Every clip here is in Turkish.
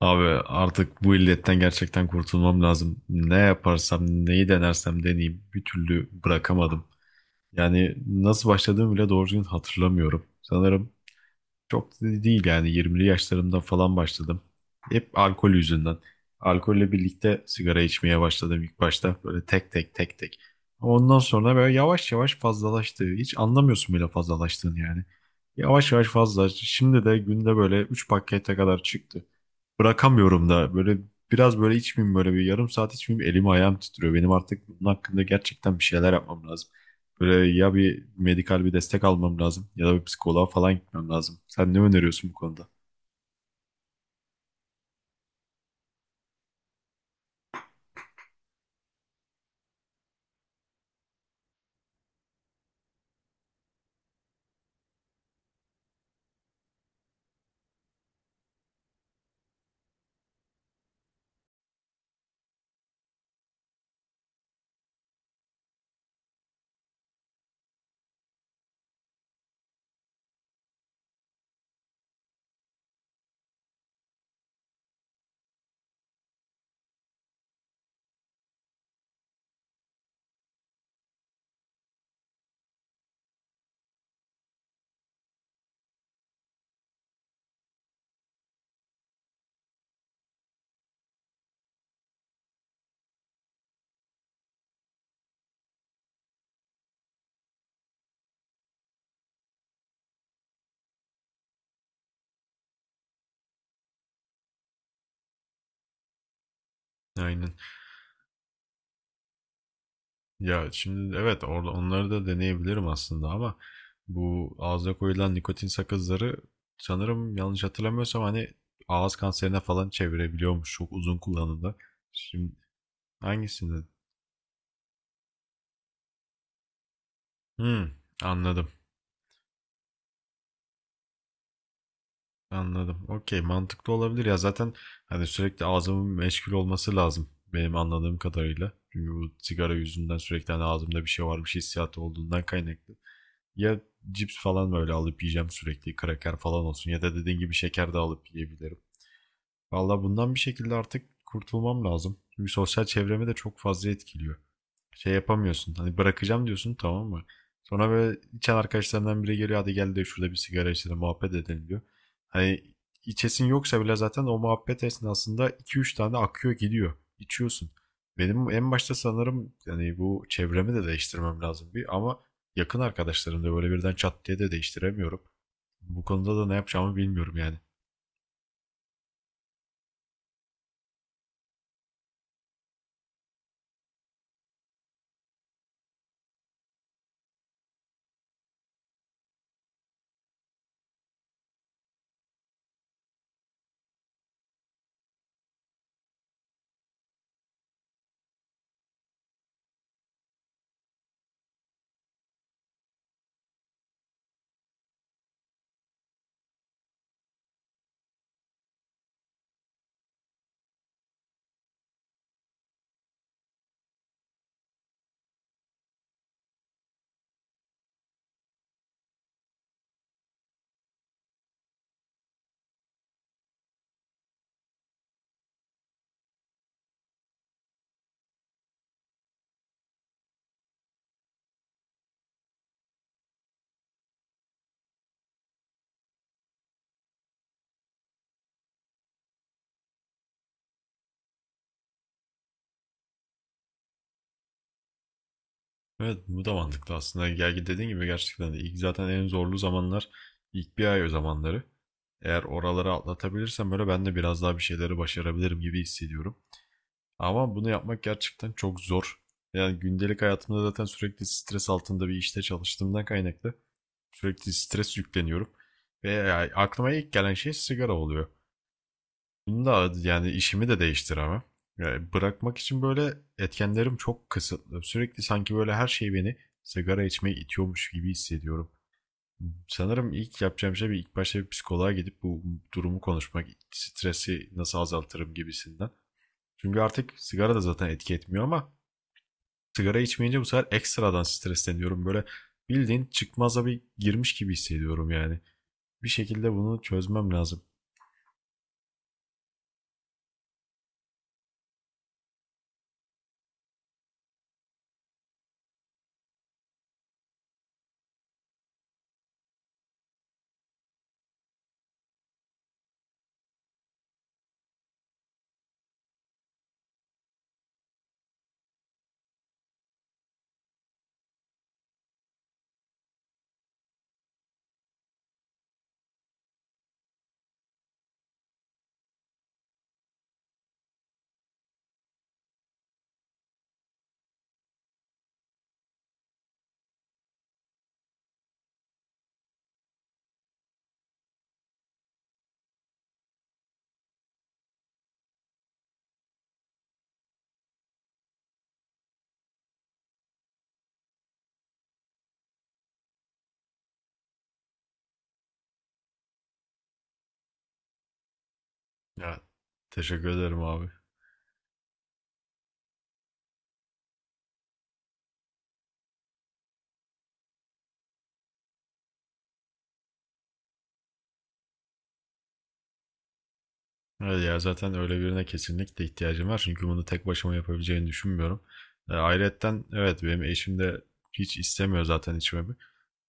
Abi artık bu illetten gerçekten kurtulmam lazım. Ne yaparsam, neyi denersem deneyeyim bir türlü bırakamadım. Yani nasıl başladığımı bile doğru düzgün hatırlamıyorum. Sanırım çok da değil yani 20'li yaşlarımda falan başladım. Hep alkol yüzünden. Alkolle birlikte sigara içmeye başladım ilk başta. Böyle tek tek tek tek. Ondan sonra böyle yavaş yavaş fazlalaştı. Hiç anlamıyorsun bile fazlalaştığını yani. Yavaş yavaş fazla. Şimdi de günde böyle 3 pakete kadar çıktı, bırakamıyorum da. Böyle biraz böyle içmeyeyim, böyle bir yarım saat içmeyeyim elim ayağım titriyor. Benim artık bunun hakkında gerçekten bir şeyler yapmam lazım. Böyle ya bir medikal bir destek almam lazım ya da bir psikoloğa falan gitmem lazım. Sen ne öneriyorsun bu konuda? Aynen. Ya şimdi evet orada onları da deneyebilirim aslında ama bu ağza koyulan nikotin sakızları, sanırım yanlış hatırlamıyorsam hani, ağız kanserine falan çevirebiliyormuş çok uzun kullanımda. Şimdi hangisini? Hmm, anladım. Anladım. Okey, mantıklı olabilir ya. Zaten hani sürekli ağzımın meşgul olması lazım benim anladığım kadarıyla. Çünkü bu sigara yüzünden sürekli hani ağzımda bir şey varmış hissiyatı olduğundan kaynaklı. Ya cips falan böyle alıp yiyeceğim sürekli, kraker falan olsun ya da dediğin gibi şeker de alıp yiyebilirim. Valla bundan bir şekilde artık kurtulmam lazım. Çünkü sosyal çevremi de çok fazla etkiliyor, şey yapamıyorsun. Hani bırakacağım diyorsun, tamam mı? Sonra böyle içen arkadaşlarından biri geliyor, hadi gel de şurada bir sigara içelim muhabbet edelim diyor. Hani içesin yoksa bile zaten o muhabbet esnasında iki üç tane akıyor gidiyor. İçiyorsun. Benim en başta sanırım yani bu çevremi de değiştirmem lazım bir, ama yakın arkadaşlarım da böyle birden çat diye de değiştiremiyorum. Bu konuda da ne yapacağımı bilmiyorum yani. Evet, bu da mantıklı aslında. Gerçi dediğin gibi gerçekten de ilk zaten en zorlu zamanlar ilk bir ay o zamanları. Eğer oraları atlatabilirsem böyle ben de biraz daha bir şeyleri başarabilirim gibi hissediyorum. Ama bunu yapmak gerçekten çok zor. Yani gündelik hayatımda zaten sürekli stres altında bir işte çalıştığımdan kaynaklı sürekli stres yükleniyorum. Ve yani aklıma ilk gelen şey sigara oluyor. Bunu da yani işimi de değiştiremem. Yani bırakmak için böyle etkenlerim çok kısıtlı. Sürekli sanki böyle her şey beni sigara içmeye itiyormuş gibi hissediyorum. Sanırım ilk yapacağım şey ilk başta bir psikoloğa gidip bu durumu konuşmak, stresi nasıl azaltırım gibisinden. Çünkü artık sigara da zaten etki etmiyor ama sigara içmeyince bu sefer ekstradan stresleniyorum. Böyle bildiğin çıkmaza bir girmiş gibi hissediyorum yani. Bir şekilde bunu çözmem lazım. Ya, teşekkür ederim abi. Evet ya, zaten öyle birine kesinlikle ihtiyacım var. Çünkü bunu tek başıma yapabileceğini düşünmüyorum. E, ayrıyetten evet, benim eşim de hiç istemiyor zaten içmemi.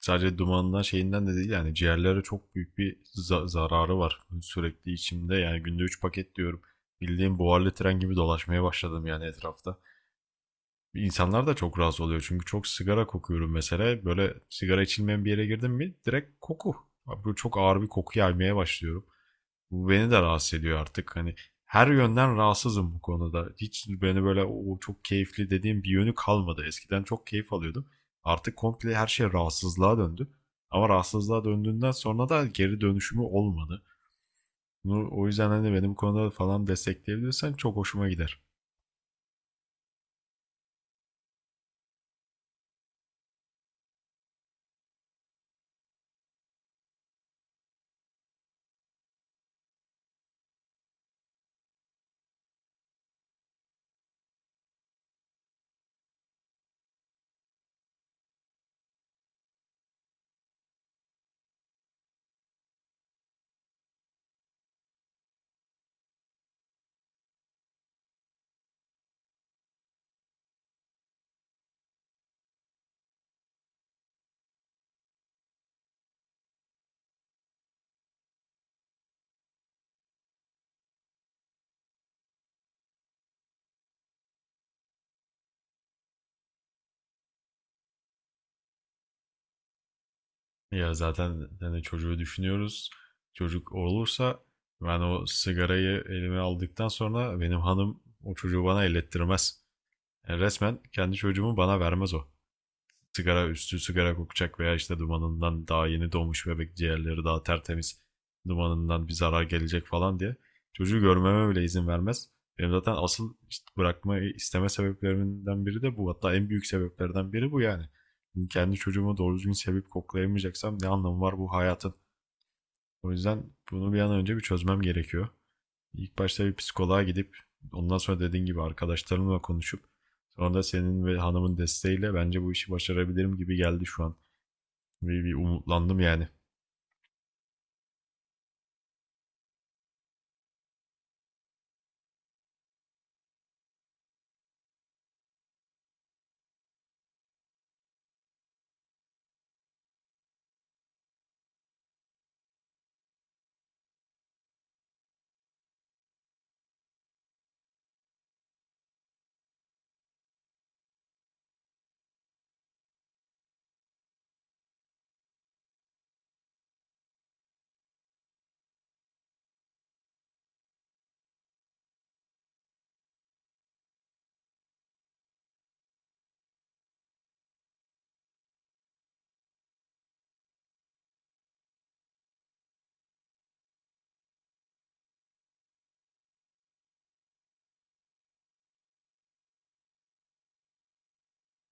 Sadece dumanından şeyinden de değil, yani ciğerlere çok büyük bir zararı var. Sürekli içimde, yani günde 3 paket diyorum. Bildiğim buharlı tren gibi dolaşmaya başladım yani etrafta. İnsanlar da çok rahatsız oluyor çünkü çok sigara kokuyorum mesela. Böyle sigara içilmeyen bir yere girdim mi direkt koku. Abi, böyle çok ağır bir koku yaymaya başlıyorum. Bu beni de rahatsız ediyor artık. Hani her yönden rahatsızım bu konuda. Hiç beni böyle o çok keyifli dediğim bir yönü kalmadı. Eskiden çok keyif alıyordum. Artık komple her şey rahatsızlığa döndü. Ama rahatsızlığa döndüğünden sonra da geri dönüşümü olmadı. Bunu, o yüzden hani benim konuda falan destekleyebilirsen çok hoşuma gider. Ya zaten hani çocuğu düşünüyoruz. Çocuk olursa ben o sigarayı elime aldıktan sonra benim hanım o çocuğu bana ellettirmez. Yani resmen kendi çocuğumu bana vermez o. Sigara üstü sigara kokacak veya işte dumanından, daha yeni doğmuş bebek ciğerleri daha tertemiz, dumanından bir zarar gelecek falan diye çocuğu görmeme bile izin vermez. Benim zaten asıl işte bırakmayı isteme sebeplerimden biri de bu. Hatta en büyük sebeplerden biri bu yani. Kendi çocuğumu doğru düzgün sevip koklayamayacaksam ne anlamı var bu hayatın? O yüzden bunu bir an önce bir çözmem gerekiyor. İlk başta bir psikoloğa gidip, ondan sonra dediğin gibi arkadaşlarımla konuşup, sonra da senin ve hanımın desteğiyle bence bu işi başarabilirim gibi geldi şu an. Bir umutlandım yani.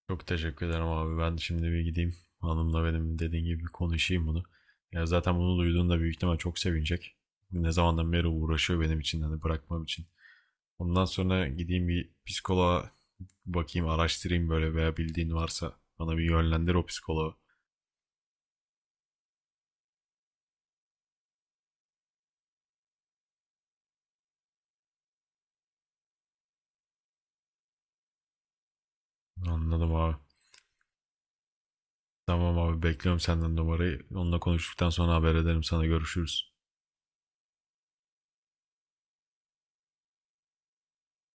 Çok teşekkür ederim abi. Ben şimdi bir gideyim. Hanımla benim dediğin gibi bir konuşayım bunu. Ya zaten bunu duyduğunda büyük ihtimal çok sevinecek. Ne zamandan beri uğraşıyor benim için hani bırakmam için. Ondan sonra gideyim bir psikoloğa, bakayım araştırayım böyle, veya bildiğin varsa bana bir yönlendir o psikoloğu. Anladım abi. Tamam abi, bekliyorum senden numarayı. Onunla konuştuktan sonra haber ederim sana, görüşürüz.